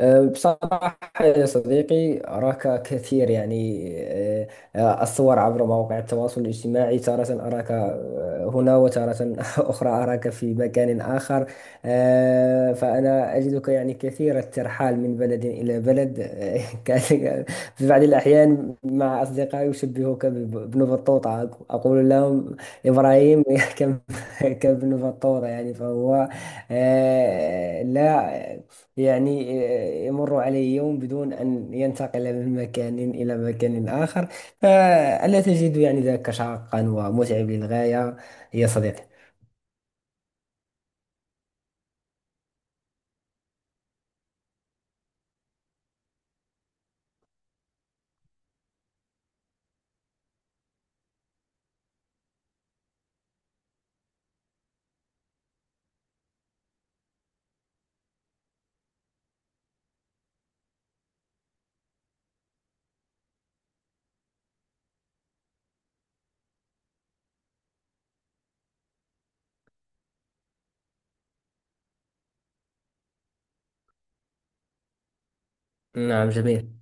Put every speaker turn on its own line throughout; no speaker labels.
بصراحة يا صديقي، أراك كثير يعني. أه، أه، الصور عبر مواقع التواصل الاجتماعي تارة أراك هنا، وتارة أخرى أراك في مكان آخر. فأنا أجدك يعني كثير الترحال من بلد إلى بلد، كأنك في بعض الأحيان. مع أصدقائي يشبهك بابن بطوطة، أقول لهم إبراهيم كم كابن بطوطة يعني. فهو لا يعني يمر عليه يوم بدون أن ينتقل من مكان إلى مكان آخر. فألا تجد يعني ذاك شاقا ومتعب للغاية يا صديقي؟ نعم، جميل.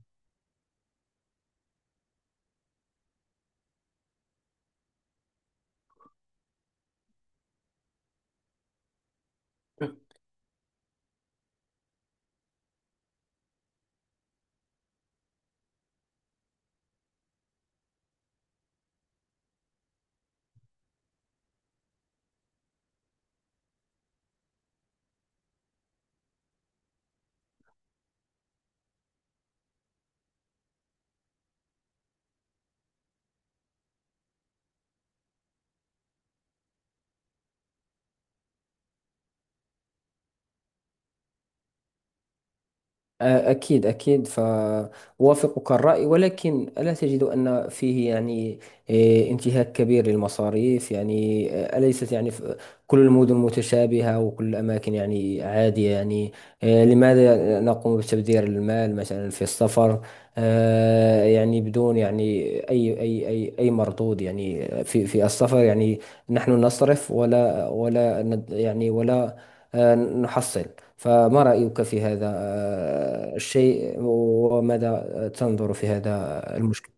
أكيد أكيد، فأوافقك الرأي. ولكن ألا تجد أن فيه يعني إيه، انتهاك كبير للمصاريف؟ يعني أليست يعني كل المدن متشابهة، وكل الأماكن يعني عادية يعني. لماذا نقوم بتبذير المال مثلا في السفر، يعني بدون يعني أي مردود يعني في السفر؟ يعني نحن نصرف ولا يعني ولا نحصل. فما رأيك في هذا الشيء، وماذا تنظر في هذا المشكل؟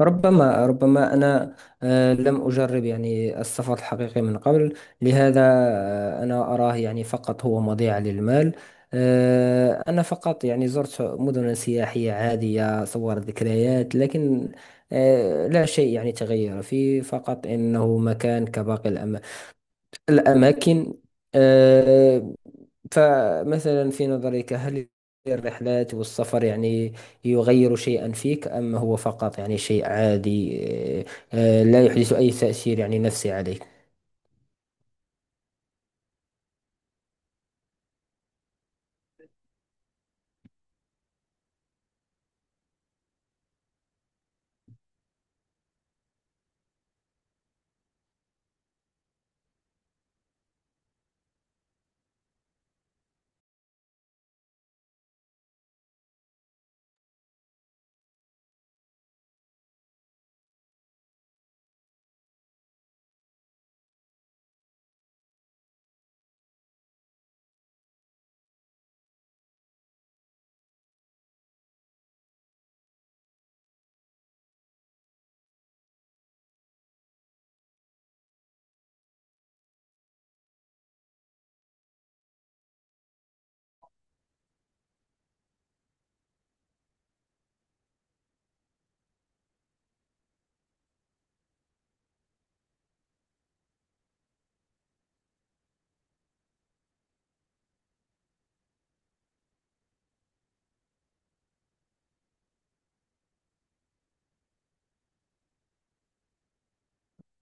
ربما أنا لم أجرب يعني السفر الحقيقي من قبل، لهذا أنا أراه يعني فقط هو مضيعة للمال. أنا فقط يعني زرت مدن سياحية عادية، صور، ذكريات، لكن لا شيء يعني تغير فيه، فقط إنه مكان كباقي الأماكن. آه، فمثلا في نظرك، هل الرحلات والسفر يعني يغير شيئا فيك، أم هو فقط يعني شيء عادي، آه، لا يحدث أي تأثير يعني نفسي عليك؟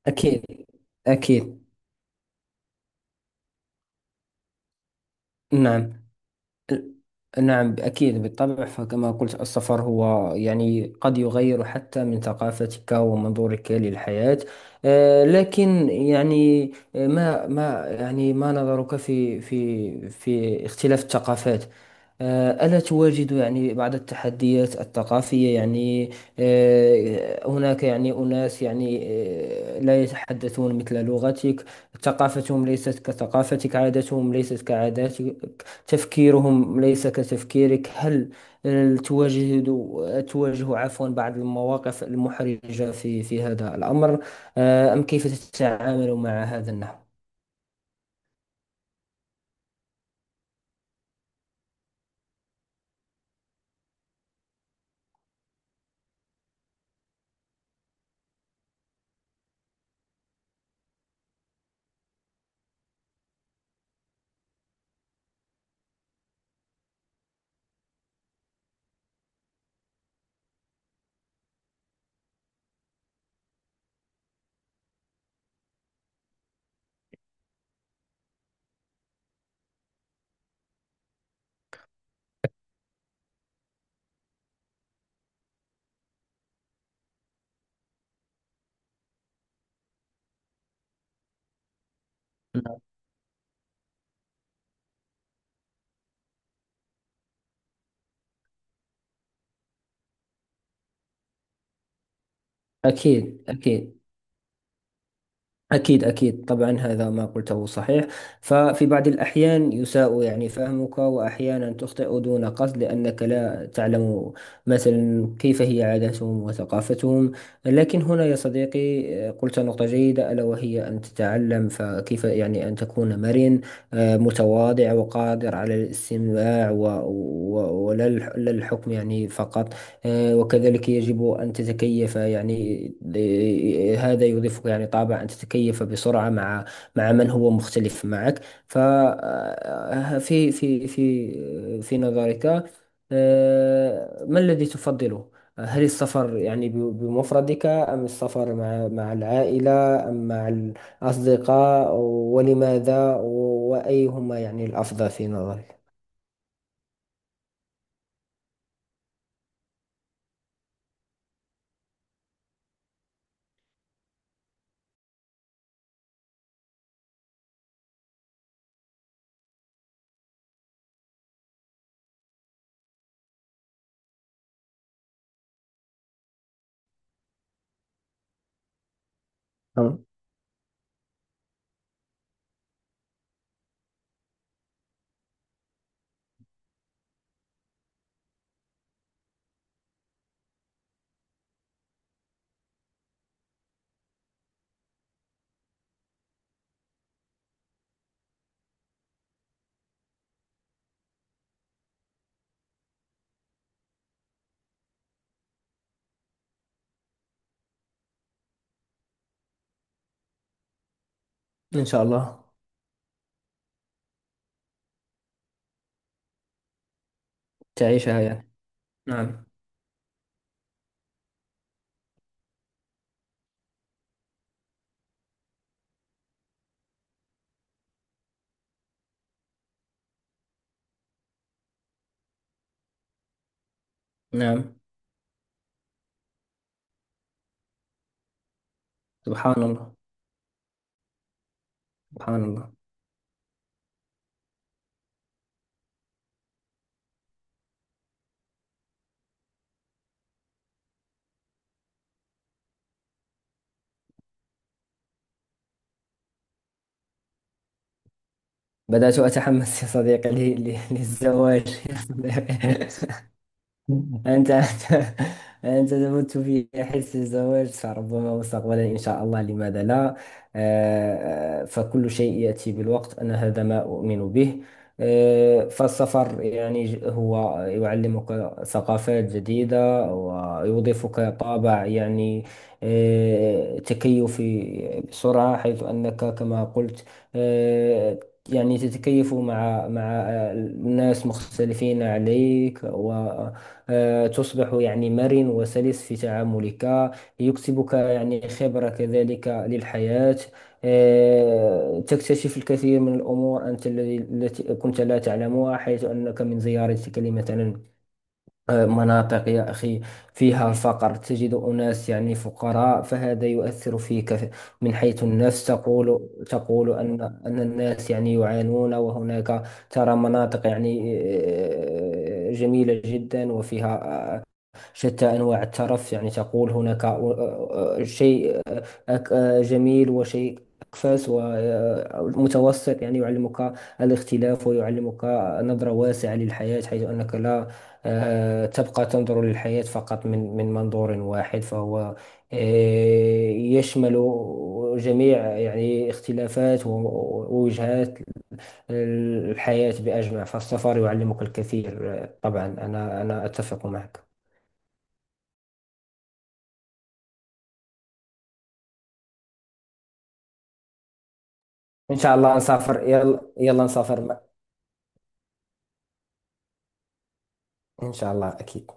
أكيد أكيد. نعم، نعم أكيد بالطبع. فكما قلت، السفر هو يعني قد يغير حتى من ثقافتك ومنظورك للحياة. لكن يعني ما يعني ما نظرك في في اختلاف الثقافات؟ ألا تواجد يعني بعض التحديات الثقافية؟ يعني هناك يعني أناس يعني لا يتحدثون مثل لغتك، ثقافتهم ليست كثقافتك، عاداتهم ليست كعاداتك، تفكيرهم ليس كتفكيرك. هل آه، تواجه تواجه عفوا بعض المواقف المحرجة في هذا الأمر؟ أم كيف تتعامل مع هذا النحو؟ نعم. أكيد أكيد. أكيد أكيد طبعا، هذا ما قلته صحيح. ففي بعض الأحيان يساء يعني فهمك، وأحيانا تخطئ دون قصد لأنك لا تعلم مثلا كيف هي عاداتهم وثقافتهم. لكن هنا يا صديقي قلت نقطة جيدة، ألا وهي أن تتعلم. فكيف يعني أن تكون مرن متواضع وقادر على الاستماع ولا لا الحكم يعني فقط؟ وكذلك يجب أن تتكيف يعني، هذا يضيفك يعني طابع أن تتكيف بسرعة مع مع من هو مختلف معك. ففي في في في نظرك ما الذي تفضله؟ هل السفر يعني بمفردك، أم السفر مع العائلة، أم مع الأصدقاء؟ ولماذا؟ وأيهما يعني الأفضل في نظرك؟ نعم. إن شاء الله. تعيشها يعني. نعم. نعم. سبحان الله. سبحان الله. بدأت أتحمس يا صديقي للزواج يا صديقي. أنت أنت تموت في حس الزواج. فربما مستقبلا إن شاء الله، لماذا لا؟ فكل شيء يأتي بالوقت، أنا هذا ما أؤمن به. فالسفر يعني هو يعلمك ثقافات جديدة ويضيفك طابع يعني تكيفي بسرعة، حيث أنك كما قلت آه، يعني تتكيف مع مع الناس مختلفين عليك، و آه، تصبح يعني مرن وسلس في تعاملك، يكسبك يعني خبرة كذلك للحياة. تكتشف الكثير من الأمور أنت التي كنت لا تعلمها، حيث أنك من زيارتك لمثلا مناطق يا أخي فيها الفقر، تجد أناس يعني فقراء، فهذا يؤثر فيك من حيث النفس، تقول أن الناس يعني يعانون. وهناك ترى مناطق يعني جميلة جدا وفيها شتى أنواع الترف، يعني تقول هناك شيء جميل، وشيء أكفس ومتوسط، يعني يعلمك الاختلاف ويعلمك نظرة واسعة للحياة، حيث أنك لا تبقى تنظر للحياة فقط من منظور واحد، فهو آه، يشمل جميع يعني اختلافات ووجهات الحياة بأجمع. فالسفر يعلمك الكثير. طبعا أنا أتفق معك. ان شاء الله نسافر، يلا يلا نسافر مع... ان شاء الله اكيد.